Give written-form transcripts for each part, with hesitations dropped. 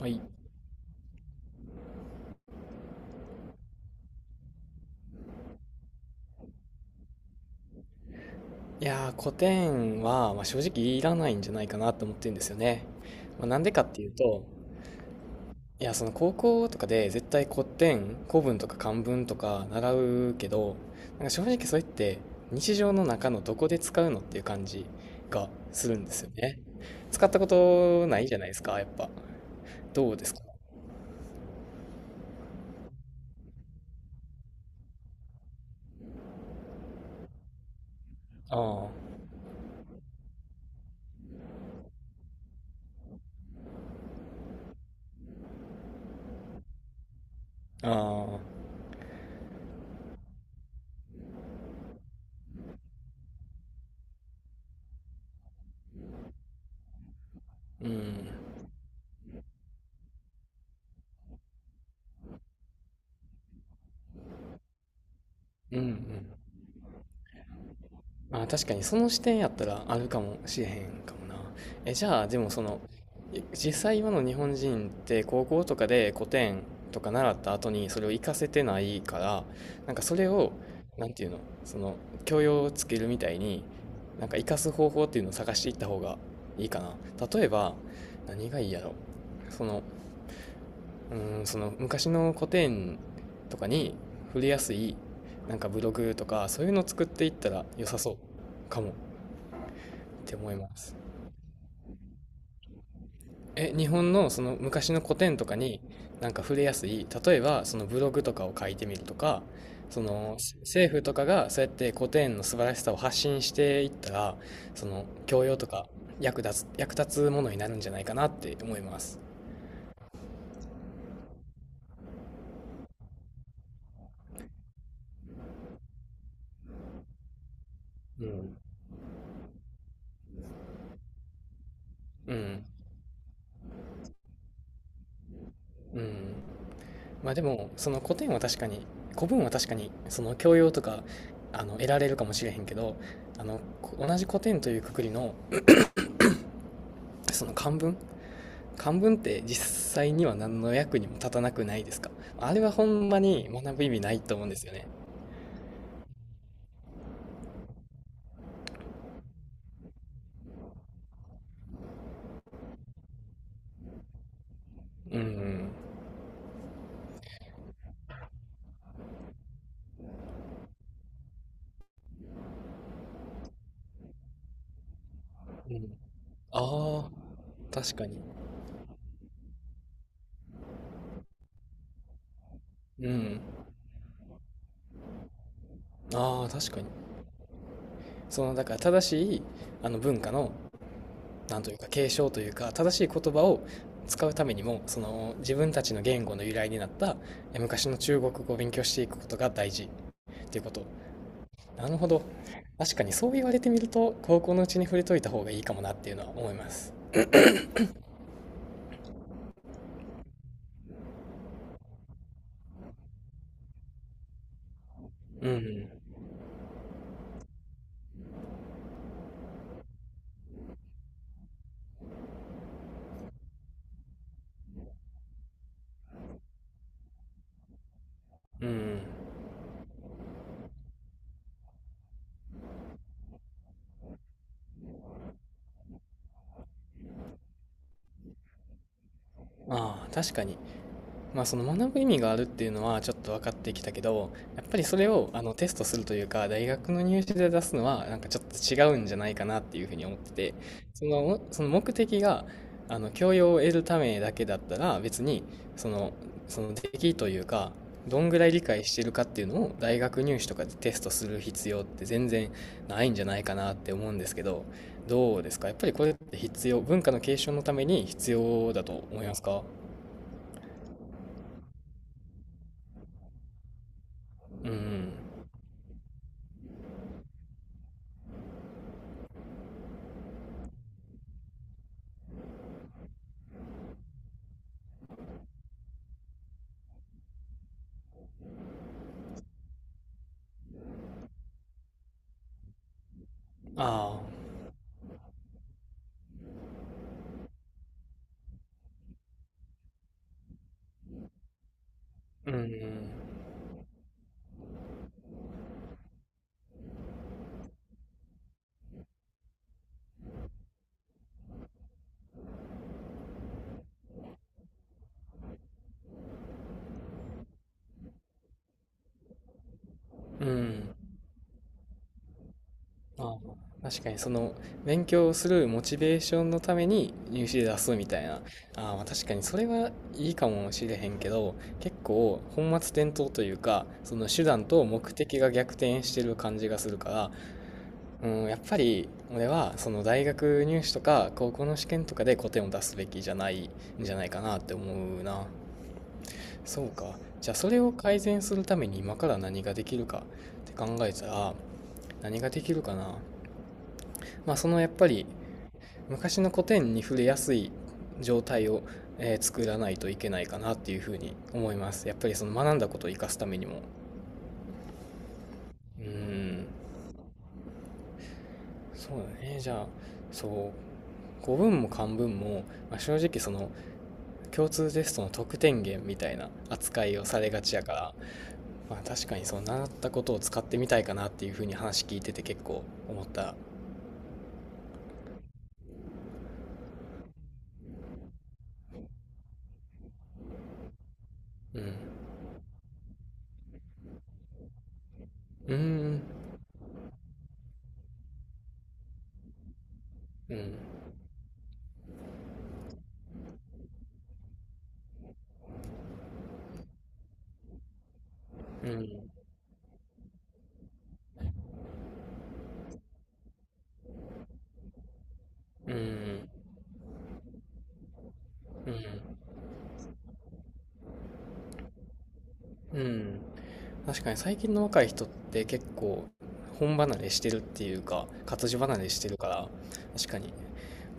はい、いや、古典は、まあ、正直いらないんじゃないかなと思ってるんですよね。まあ、なんでかっていうと、いや、その、高校とかで絶対古典、古文とか漢文とか習うけど、なんか正直それって日常の中のどこで使うのっていう感じがするんですよね。使ったことないじゃないですか、やっぱ。どうですか？ああ、ああ、うん、うんうん。ああ、確かにその視点やったらあるかもしれへんかもな。じゃあ、でもその、実際今の日本人って高校とかで古典とか習った後にそれを活かせてないから、なんかそれを、なんていうの、その教養をつけるみたいに、なんか活かす方法っていうのを探していった方がいいかな。例えば、何がいいやろ。その、その昔の古典とかに触れやすい、なんかブログとかそういうのを作っていったら良さそうかもって思います。日本のその昔の古典とかに、なんか触れやすい、例えばそのブログとかを書いてみるとか、その政府とかがそうやって古典の素晴らしさを発信していったら、その教養とか役立つものになるんじゃないかなって思います。うん、うんうん。まあ、でもその古典は確かに、古文は確かにその教養とかあの得られるかもしれへんけど、あのこ同じ古典というくくりのその漢文って実際には何の役にも立たなくないですか。あれはほんまに学ぶ意味ないと思うんですよね。うんうん。うん。ああ、確かに。うん。ああ、確かに。その、だから正しい、あの文化の、なんというか継承というか、正しい言葉を使うためにも、その、自分たちの言語の由来になった、昔の中国語を勉強していくことが大事っていうこと。なるほど。確かにそう言われてみると、高校のうちに触れといた方がいいかもなっていうのは思います。うん。うん。ああ、確かに。まあ、その学ぶ意味があるっていうのはちょっと分かってきたけど、やっぱりそれをあのテストするというか大学の入試で出すのはなんかちょっと違うんじゃないかなっていうふうに思ってて、そのその目的があの教養を得るためだけだったら別に、そのその出来というか、どんぐらい理解してるかっていうのを大学入試とかでテストする必要って全然ないんじゃないかなって思うんですけど、どうですか。やっぱりこれって必要、文化の継承のために必要だと思いますか。うん、ああ、うん、うん。ああ、確かにその勉強するモチベーションのために入試で出すみたいな。ああ、まあ確かにそれはいいかもしれへんけど、結構本末転倒というか、その手段と目的が逆転してる感じがするから、うん、やっぱり俺はその大学入試とか高校の試験とかで古典を出すべきじゃないんじゃないかなって思うな。そうか。じゃあそれを改善するために今から何ができるかって考えたら、何ができるかな、まあ、そのやっぱり昔の古典に触れやすい状態を、作らないといけないかなっていうふうに思います。やっぱりその学んだことを生かすためにも、うーんそうだね。じゃあそう、古文も漢文も、まあ、正直その共通テストの得点源みたいな扱いをされがちやから、まあ、確かにその習ったことを使ってみたいかなっていうふうに話聞いてて結構思った。うん、うーん、うん、うん、うん、うん、うん。確かに最近の若い人って結構本離れしてるっていうか、活字離れしてるから、確かに。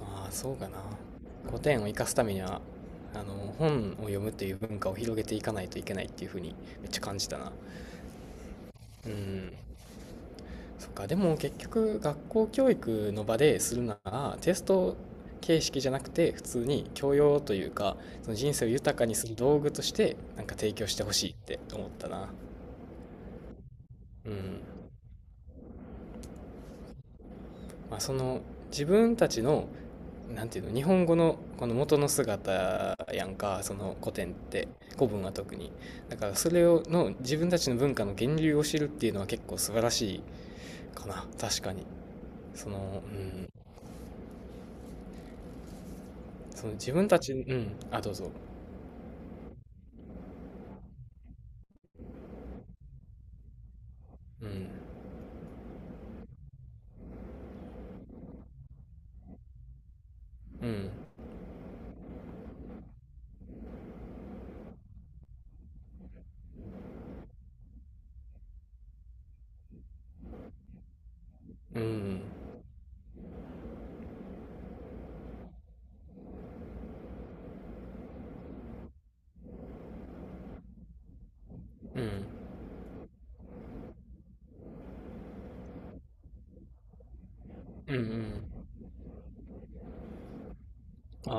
まあ、そうかな。古典を生かすためには、あの、本を読むっていう文化を広げていかないといけないっていうふうにめっちゃ感じたな。うん。そっか、でも結局学校教育の場でするなら、テスト形式じゃなくて、普通に教養というか、その人生を豊かにする道具として、なんか提供してほしいって思ったな。うん。まあ、その自分たちの、なんていうの、日本語のこの元の姿やんか、その古典って、古文は特に。だからそれをの自分たちの文化の源流を知るっていうのは結構素晴らしいかな。確かにその、うん、その自分たち、うん、あ、どうぞ。うん、うん、うん、うん、うん、うん、あ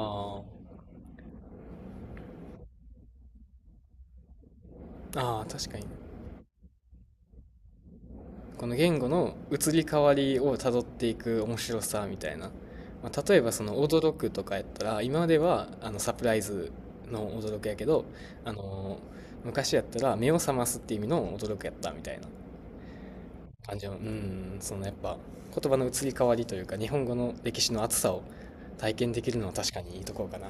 ーあ、ー確かに。この言語の移り変わりをたどっていく面白さみたいな、まあ、例えばその驚くとかやったら今まではあのサプライズの驚くやけど、あのー昔やったら目を覚ますっていう意味の驚くやったみたいな感じの、うん、そのやっぱ言葉の移り変わりというか日本語の歴史の厚さを体験できるのは確かにいいところかな。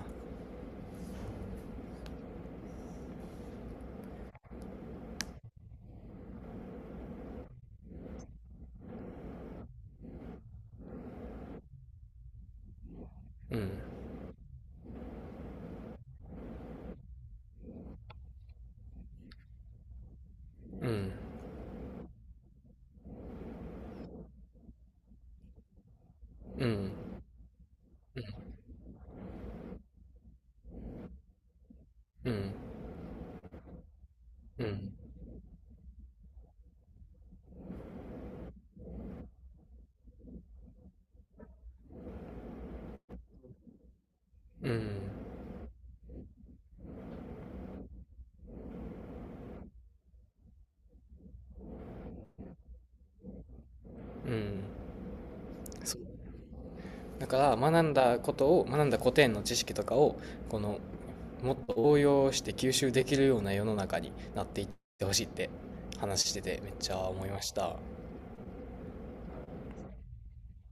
うん、うん、うん、うん、うん、うん、うん、うん。そだから学んだ古典の知識とかをこの、もっと応用して吸収できるような世の中になっていってほしいって話しててめっちゃ思いました。